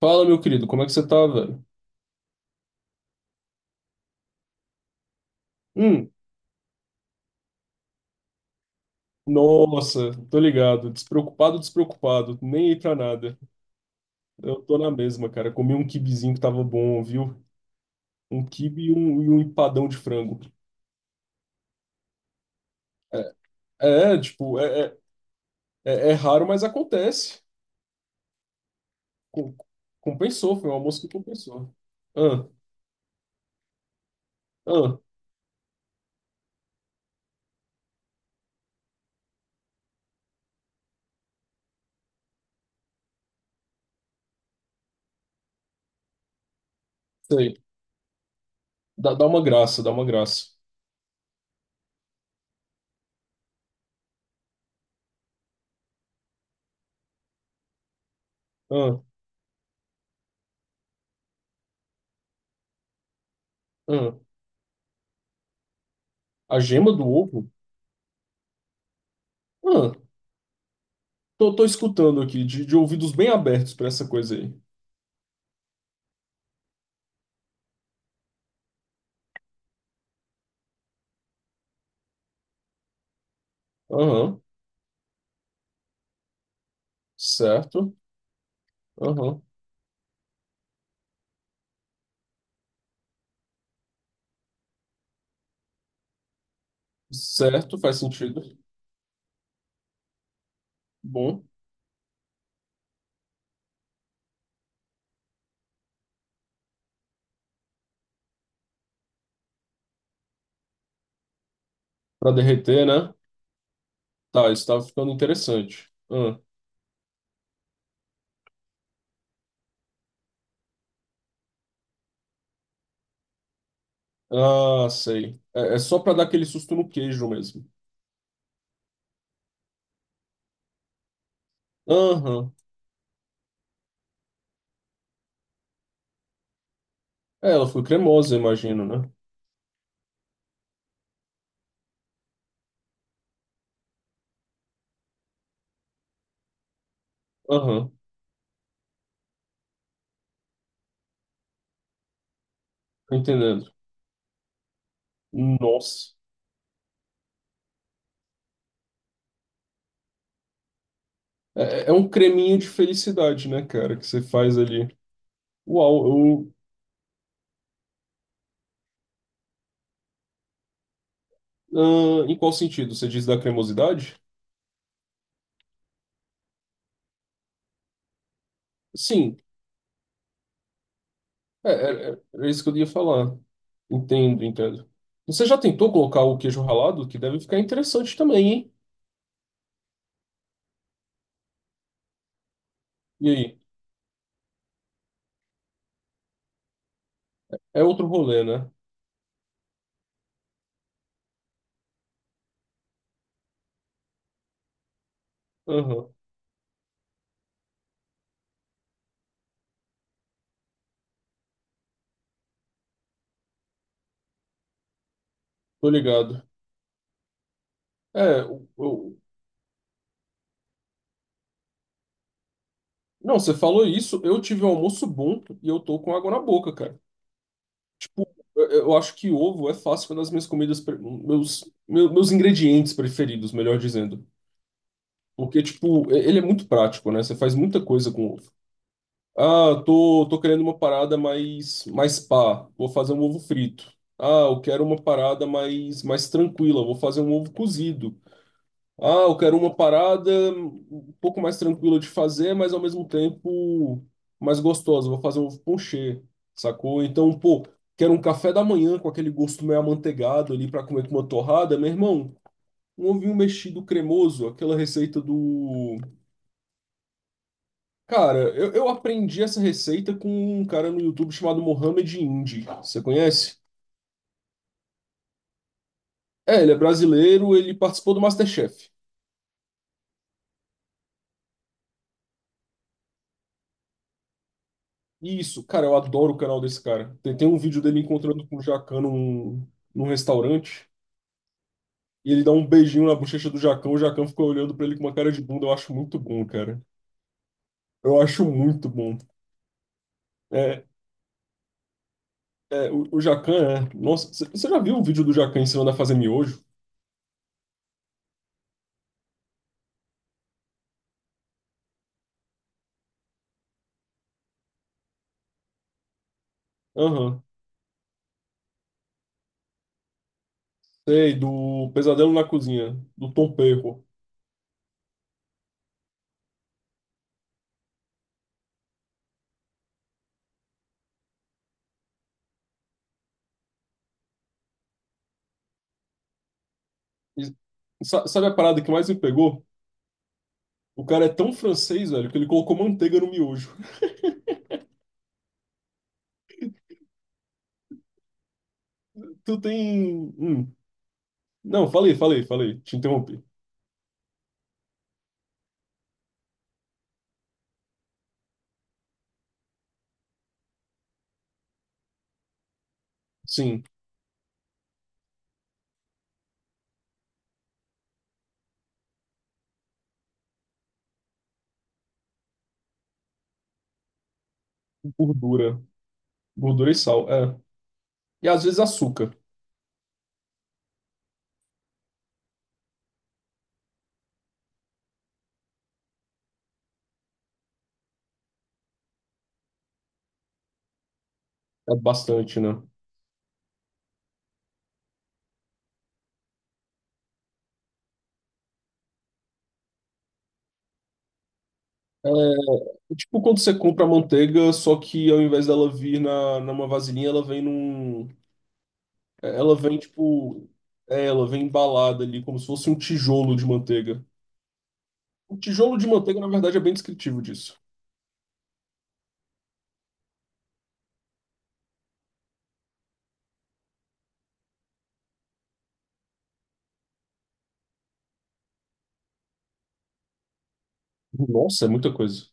Fala, meu querido, como é que você tá, velho? Hum. Nossa, tô ligado. Despreocupado, despreocupado. Nem aí pra nada. Eu tô na mesma, cara. Comi um kibizinho que tava bom, viu? Um quibe e um empadão de frango. É, é, tipo, é raro, mas acontece. Com- Compensou, foi um almoço que compensou. Ah, ah, sei. Dá uma graça, dá uma graça. Ah, ah. A gema do ovo? Ah, tô, tô escutando aqui, de ouvidos bem abertos pra essa coisa aí. Aham, certo. Aham. Certo, faz sentido. Bom. Pra derreter, né? Tá, isso tá ficando interessante. Ah, ah, sei. É, é só pra dar aquele susto no queijo mesmo. Aham. É, ela foi cremosa, imagino, né? Aham, tô entendendo. Nossa. É, é é um creminho de felicidade, né, cara, que você faz ali. Uau, eu... ah, em qual sentido? Você diz da cremosidade? Sim. É, é, é é isso que eu ia falar. Entendo, entendo. Você já tentou colocar o queijo ralado? Que deve ficar interessante também, hein? E aí? É outro rolê, né? Aham, tô ligado. É, eu, eu- Não, você falou isso, eu tive um almoço bom e eu tô com água na boca, cara. Tipo, eu acho que ovo é fácil, é uma das minhas comidas, meus ingredientes preferidos, melhor dizendo. Porque, tipo, ele é muito prático, né? Você faz muita coisa com ovo. Ah, eu tô, tô querendo uma parada mais, mais pá. Vou fazer um ovo frito. Ah, eu quero uma parada mais, mais tranquila. Vou fazer um ovo cozido. Ah, eu quero uma parada um pouco mais tranquila de fazer, mas ao mesmo tempo mais gostosa. Vou fazer um ovo ponchê, sacou? Então, pô, quero um café da manhã com aquele gosto meio amanteigado ali pra comer com uma torrada. Meu irmão, um ovinho mexido cremoso, aquela receita do... Cara, eu aprendi essa receita com um cara no YouTube chamado Mohamed Indy. Você conhece? É, ele é brasileiro, ele participou do MasterChef. Isso, cara, eu adoro o canal desse cara. Tem, tem um vídeo dele encontrando com o Jacan num restaurante. E ele dá um beijinho na bochecha do Jacan, o Jacan ficou olhando pra ele com uma cara de bunda. Eu acho muito bom, cara. Eu acho muito bom. É, o Jacan é... Nossa, você já viu o vídeo do Jacan ensinando a fazer miojo? Aham. Sei, do Pesadelo na Cozinha, do Tom Perro. Sabe a parada que mais me pegou? O cara é tão francês, velho, que ele colocou manteiga no miojo. Tu tem. Hum. Não, falei, falei, falei. Te interrompi. Sim, gordura. Gordura e sal, é. E às vezes açúcar. É bastante, né? É tipo quando você compra manteiga, só que ao invés dela vir numa vasilhinha, ela vem num... É, ela vem, tipo... É, ela vem embalada ali, como se fosse um tijolo de manteiga. O tijolo de manteiga, na verdade, é bem descritivo disso. Nossa, é muita coisa.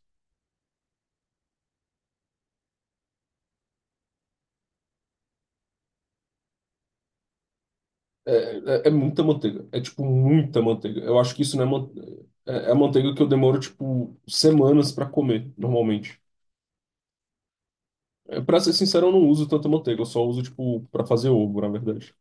É, é muita manteiga. É, tipo, muita manteiga. Eu acho que isso não é, man... é, é manteiga que eu demoro, tipo, semanas pra comer, normalmente. É, pra ser sincero, eu não uso tanta manteiga. Eu só uso, tipo, pra fazer ovo, na verdade.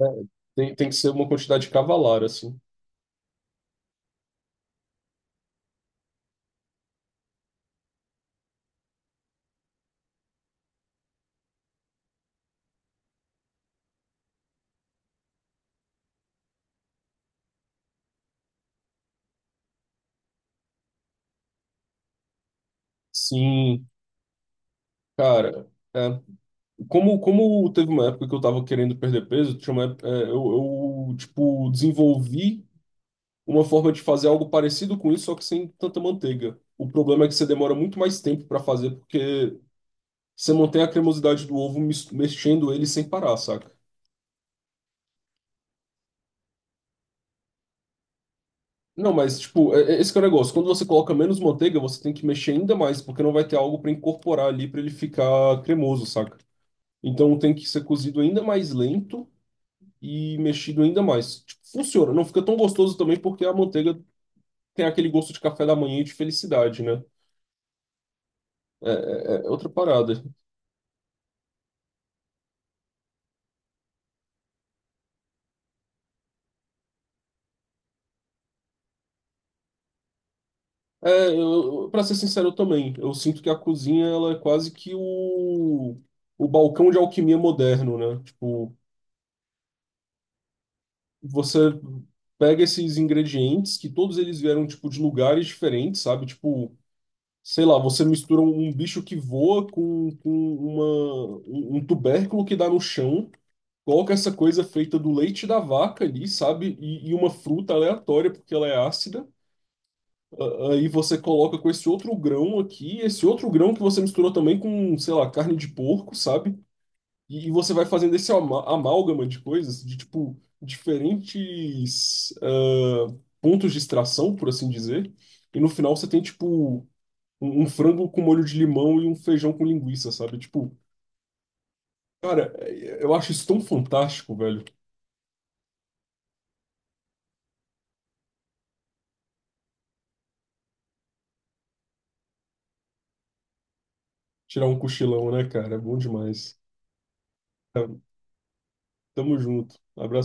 É, tem, tem que ser uma quantidade cavalar, assim. Sim, cara, é. Como, como teve uma época que eu tava querendo perder peso, tinha uma época- é, tipo, desenvolvi uma forma de fazer algo parecido com isso, só que sem tanta manteiga. O problema é que você demora muito mais tempo pra fazer, porque... Você mantém a cremosidade do ovo mexendo ele sem parar, saca? Não, mas, tipo, esse que é o negócio. Quando você coloca menos manteiga, você tem que mexer ainda mais, porque não vai ter algo para incorporar ali para ele ficar cremoso, saca? Então tem que ser cozido ainda mais lento e mexido ainda mais. Tipo, funciona. Não fica tão gostoso também porque a manteiga tem aquele gosto de café da manhã e de felicidade, né? É é outra parada. É, pra ser sincero, eu também. Eu sinto que a cozinha, ela é quase que o balcão de alquimia moderno, né? Tipo, você pega esses ingredientes que todos eles vieram tipo de lugares diferentes, sabe? Tipo, sei lá, você mistura um bicho que voa com uma, um um tubérculo que dá no chão, coloca essa coisa feita do leite da vaca ali, sabe? E uma fruta aleatória porque ela é ácida. Aí você coloca com esse outro grão aqui, esse outro grão que você misturou também com, sei lá, carne de porco, sabe? E você vai fazendo esse amálgama de coisas, de tipo, diferentes ah, pontos de extração, por assim dizer. E no final você tem, tipo, um frango com molho de limão e um feijão com linguiça, sabe? Tipo, cara, eu acho isso tão fantástico, velho. Tirar um cochilão, né, cara? É bom demais. Tá, tamo junto. Abraço.